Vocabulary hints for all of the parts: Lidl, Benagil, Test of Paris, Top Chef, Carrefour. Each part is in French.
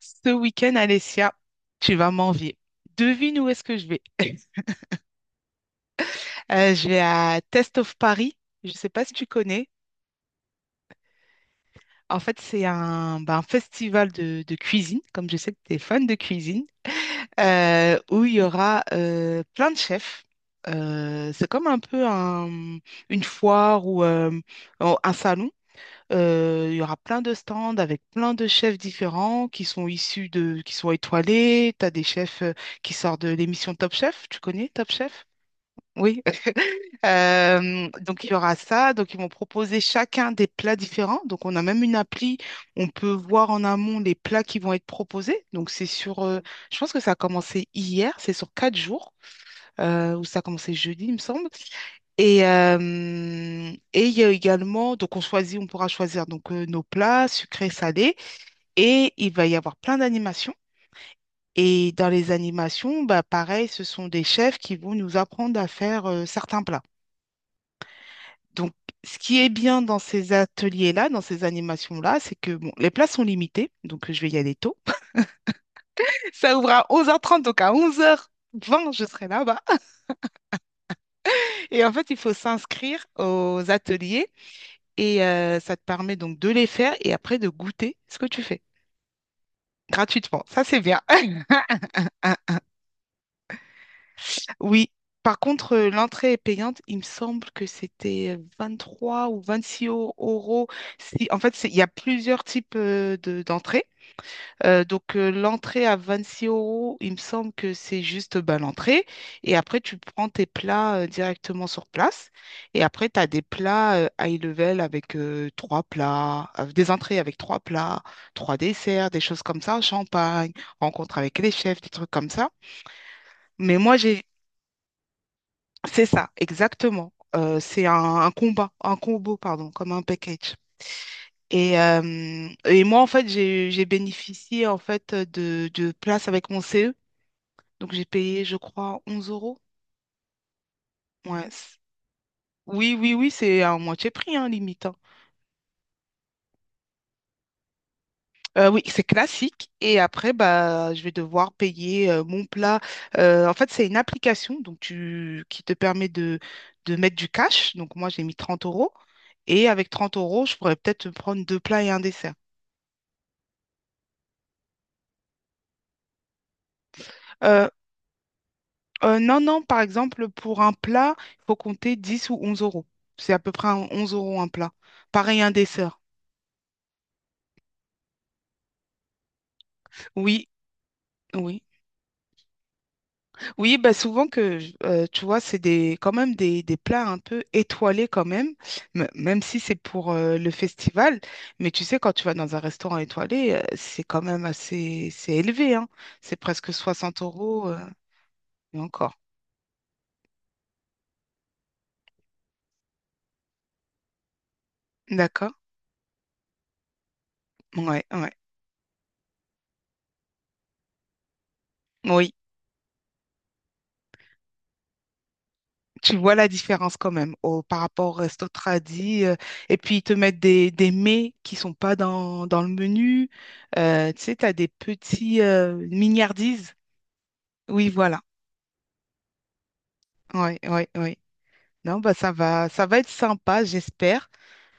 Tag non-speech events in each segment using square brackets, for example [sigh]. Ce week-end, Alessia, tu vas m'envier. Devine où est-ce que je vais. [laughs] Je vais à Test of Paris. Je ne sais pas si tu connais. En fait, c'est un festival de cuisine, comme je sais que tu es fan de cuisine, où il y aura plein de chefs. C'est comme un peu une foire ou un salon. Il y aura plein de stands avec plein de chefs différents qui sont issus de, qui sont étoilés. Tu as des chefs qui sortent de l'émission Top Chef. Tu connais Top Chef? Oui. [laughs] Donc il y aura ça. Donc ils vont proposer chacun des plats différents. Donc on a même une appli. On peut voir en amont les plats qui vont être proposés. Donc c'est sur, je pense que ça a commencé hier. C'est sur 4 jours. Ou ça a commencé jeudi, il me semble. Et il y a également, donc on choisit, on pourra choisir donc nos plats sucrés, salés, et il va y avoir plein d'animations. Et dans les animations, bah pareil, ce sont des chefs qui vont nous apprendre à faire certains plats. Donc, ce qui est bien dans ces ateliers-là, dans ces animations-là, c'est que bon, les plats sont limités, donc je vais y aller tôt. [laughs] Ça ouvre à 11h30, donc à 11h20 je serai là-bas. Et en fait, il faut s'inscrire aux ateliers, et ça te permet donc de les faire et après de goûter ce que tu fais gratuitement. Ça, c'est bien. [laughs] Ah, oui. Par contre, l'entrée est payante. Il me semble que c'était 23 ou 26 euros. Si, en fait, il y a plusieurs types de, d'entrées. Donc, l'entrée à 26 euros, il me semble que c'est juste bah, l'entrée. Et après, tu prends tes plats directement sur place. Et après, tu as des plats high level avec trois plats, des entrées avec trois plats, trois desserts, des choses comme ça, champagne, rencontre avec les chefs, des trucs comme ça. Mais moi, c'est ça, exactement. C'est un combat, un combo, pardon, comme un package. Et moi, en fait, j'ai bénéficié en fait de places avec mon CE. Donc j'ai payé, je crois, 11 euros. Ouais. Oui, oui, oui, c'est à moitié prix, hein, limite, hein. Oui, c'est classique. Et après, bah, je vais devoir payer mon plat. En fait, c'est une application donc qui te permet de mettre du cash. Donc moi, j'ai mis 30 euros. Et avec 30 euros, je pourrais peut-être prendre deux plats et un dessert. Euh, non, non, par exemple, pour un plat, il faut compter 10 ou 11 euros. C'est à peu près 11 € un plat. Pareil, un dessert. Oui, oui. Oui, bah souvent que, tu vois, c'est des, quand même des plats un peu étoilés quand même, même si c'est pour le festival. Mais tu sais, quand tu vas dans un restaurant étoilé, c'est quand même assez, c'est élevé, hein. C'est presque 60 euros, et encore. D'accord? Ouais, ouais. Oui, tu vois la différence quand même par rapport au resto tradi. Et puis, ils te mettent des mets qui sont pas dans le menu. Tu sais, tu as des petits mignardises. Oui, voilà. Oui, oui, oui. Non, bah ça va être sympa, j'espère.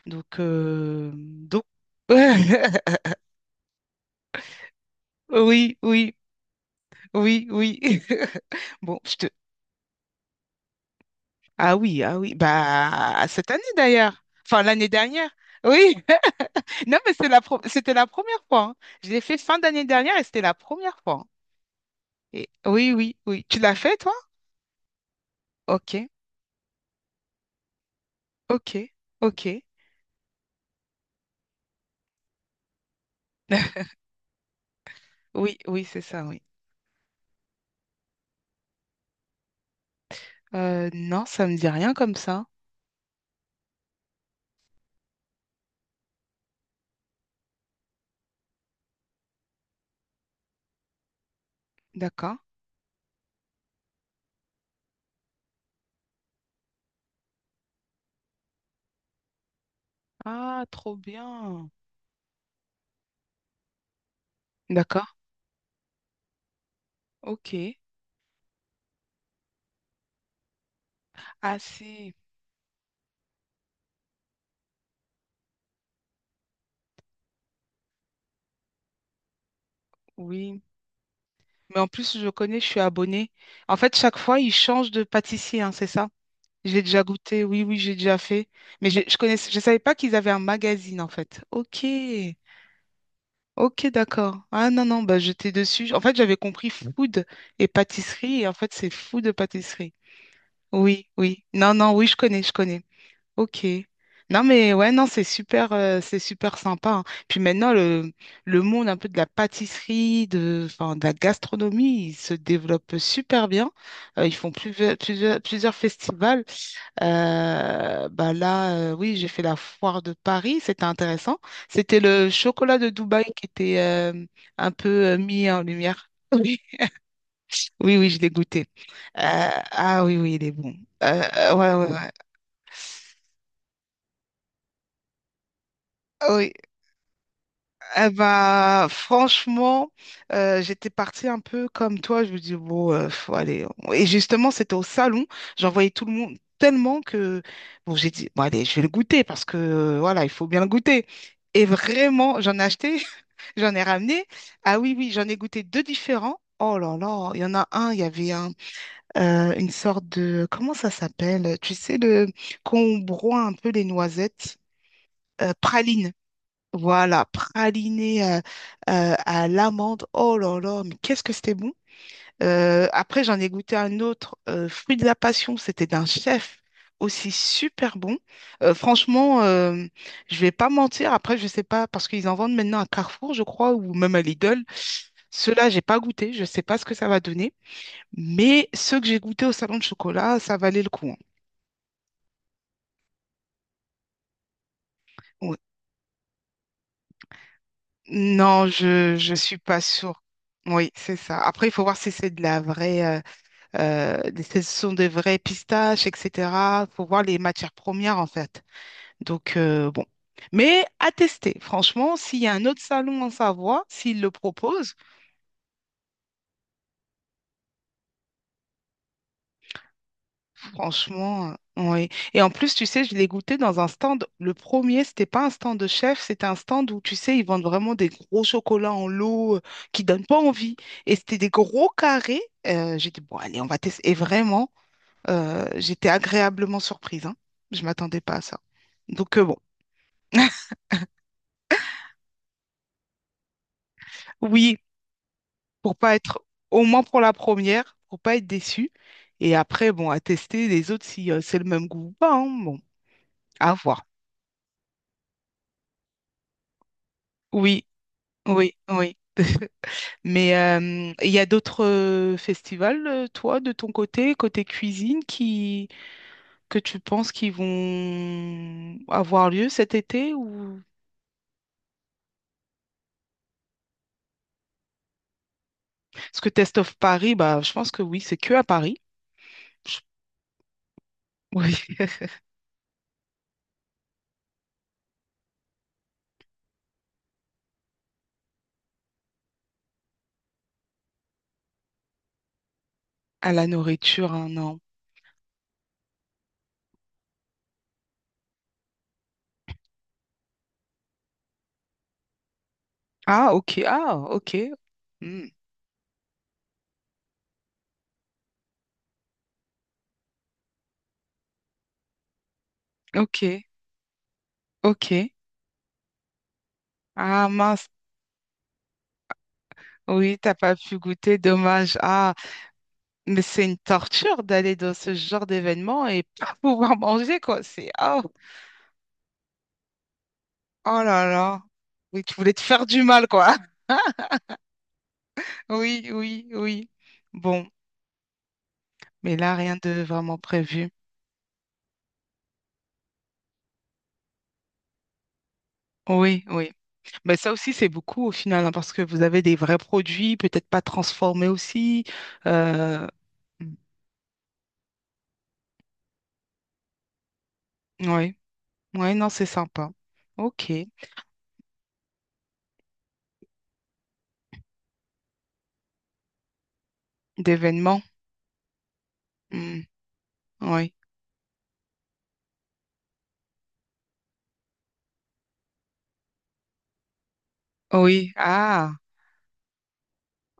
Donc, [laughs] oui, oui, oui, oui. [laughs] Bon, je te. Ah oui, ah oui. Bah cette année d'ailleurs. Enfin l'année dernière. Oui. [laughs] Non, mais c'est c'était la première fois, hein. Je l'ai fait fin d'année dernière et c'était la première fois, hein. Et oui, oui, oui. Tu l'as fait toi? Ok, ok, ok. [laughs] Oui, oui, c'est ça, oui. Non, ça me dit rien comme ça. D'accord. Ah, trop bien. D'accord. Ok. Ah si, oui. Mais en plus, je connais, je suis abonnée. En fait, chaque fois, ils changent de pâtissier, hein, c'est ça? J'ai déjà goûté, oui, oui, j'ai déjà fait. Mais je connaissais, je savais pas qu'ils avaient un magazine, en fait. Ok. Ok, d'accord. Ah non, non, bah j'étais dessus. En fait, j'avais compris food et pâtisserie, et en fait, c'est food de pâtisserie. Oui, oui. Non, non, oui, je connais, je connais. Ok. Non mais ouais, non, c'est super sympa, hein. Puis maintenant, le monde un peu de la pâtisserie, de, enfin, de la gastronomie, il se développe super bien. Ils font plusieurs, plusieurs, plusieurs festivals. Bah là, oui, j'ai fait la foire de Paris, c'était intéressant. C'était le chocolat de Dubaï qui était un peu mis en lumière. Oui, oui, oui, je l'ai goûté. Euh, ah oui, oui, il est bon. Ouais, ouais, ouais. Oui. Eh ben, franchement, j'étais partie un peu comme toi. Je me dis, bon, faut aller. Et justement, c'était au salon. J'en voyais tout le monde tellement que, bon, j'ai dit, bon, allez, je vais le goûter parce que, voilà, il faut bien le goûter. Et vraiment, j'en ai acheté, [laughs] j'en ai ramené. Ah oui, oui, j'en ai goûté deux différents. Oh là là, il y en a un, il y avait un, une sorte de, comment ça s'appelle? Tu sais, qu'on broie un peu les noisettes, praline. Voilà, praliné à l'amande. Oh là là, mais qu'est-ce que c'était bon. Après, j'en ai goûté un autre, fruit de la passion. C'était d'un chef aussi super bon. Franchement, je vais pas mentir. Après, je sais pas parce qu'ils en vendent maintenant à Carrefour, je crois, ou même à Lidl. Ceux-là, j'ai pas goûté. Je sais pas ce que ça va donner. Mais ceux que j'ai goûtés au salon de chocolat, ça valait le coup, hein. Ouais. Non, je suis pas sûre. Oui, c'est ça. Après, il faut voir si c'est de la vraie. Euh, ce sont des vraies pistaches, etc. Faut voir les matières premières, en fait. Donc, bon. Mais à tester, franchement, s'il y a un autre salon en Savoie, s'il le propose, franchement, ouais. Et en plus, tu sais, je l'ai goûté dans un stand. Le premier, c'était pas un stand de chef, c'était un stand où, tu sais, ils vendent vraiment des gros chocolats en lot qui donnent pas envie. Et c'était des gros carrés. J'ai dit, bon, allez, on va tester. Et vraiment, j'étais agréablement surprise, hein. Je m'attendais pas à ça. Donc, bon. Oui, pour pas être, au moins pour la première, pour pas être déçu. Et après, bon, à tester les autres si c'est le même goût ou pas, hein. Bon, à voir. Oui, oui, oui. [laughs] Mais il y a d'autres festivals, toi, de ton côté, côté cuisine, qui que tu penses qui vont avoir lieu cet été ou parce que Test of Paris, bah, je pense que oui, c'est que à Paris. Je- Oui, [laughs] à la nourriture, hein, non. Ah, ok, ah, ok, Hmm, ok. Ok. Ah mince, oui, t'as pas pu goûter, dommage. Ah, mais c'est une torture d'aller dans ce genre d'événement et pas [laughs] pouvoir manger, quoi. C'est oh, oh là là. Oui, tu voulais te faire du mal, quoi. [laughs] Oui, oui, oui. Bon, mais là, rien de vraiment prévu. Oui, oui. Mais ça aussi, c'est beaucoup au final, hein, parce que vous avez des vrais produits, peut-être pas transformés aussi. Euh... mm, Oui, ouais, ouais, non, c'est sympa. Ok. D'événements. Mm, Oui. Oui, ah,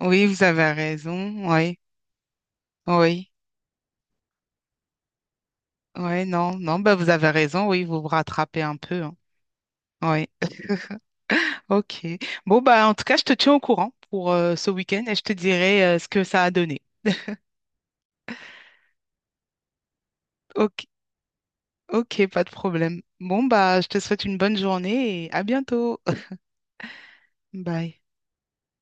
oui, vous avez raison, oui, oui, oui, non, non, bah vous avez raison, oui, vous vous rattrapez un peu, hein. Oui, ok. Bon, bah en tout cas, je te tiens au courant pour ce week-end et je te dirai ce que ça a donné. Ok, ok, pas de problème. Bon, bah, je te souhaite une bonne journée et à bientôt. [laughs] Bye.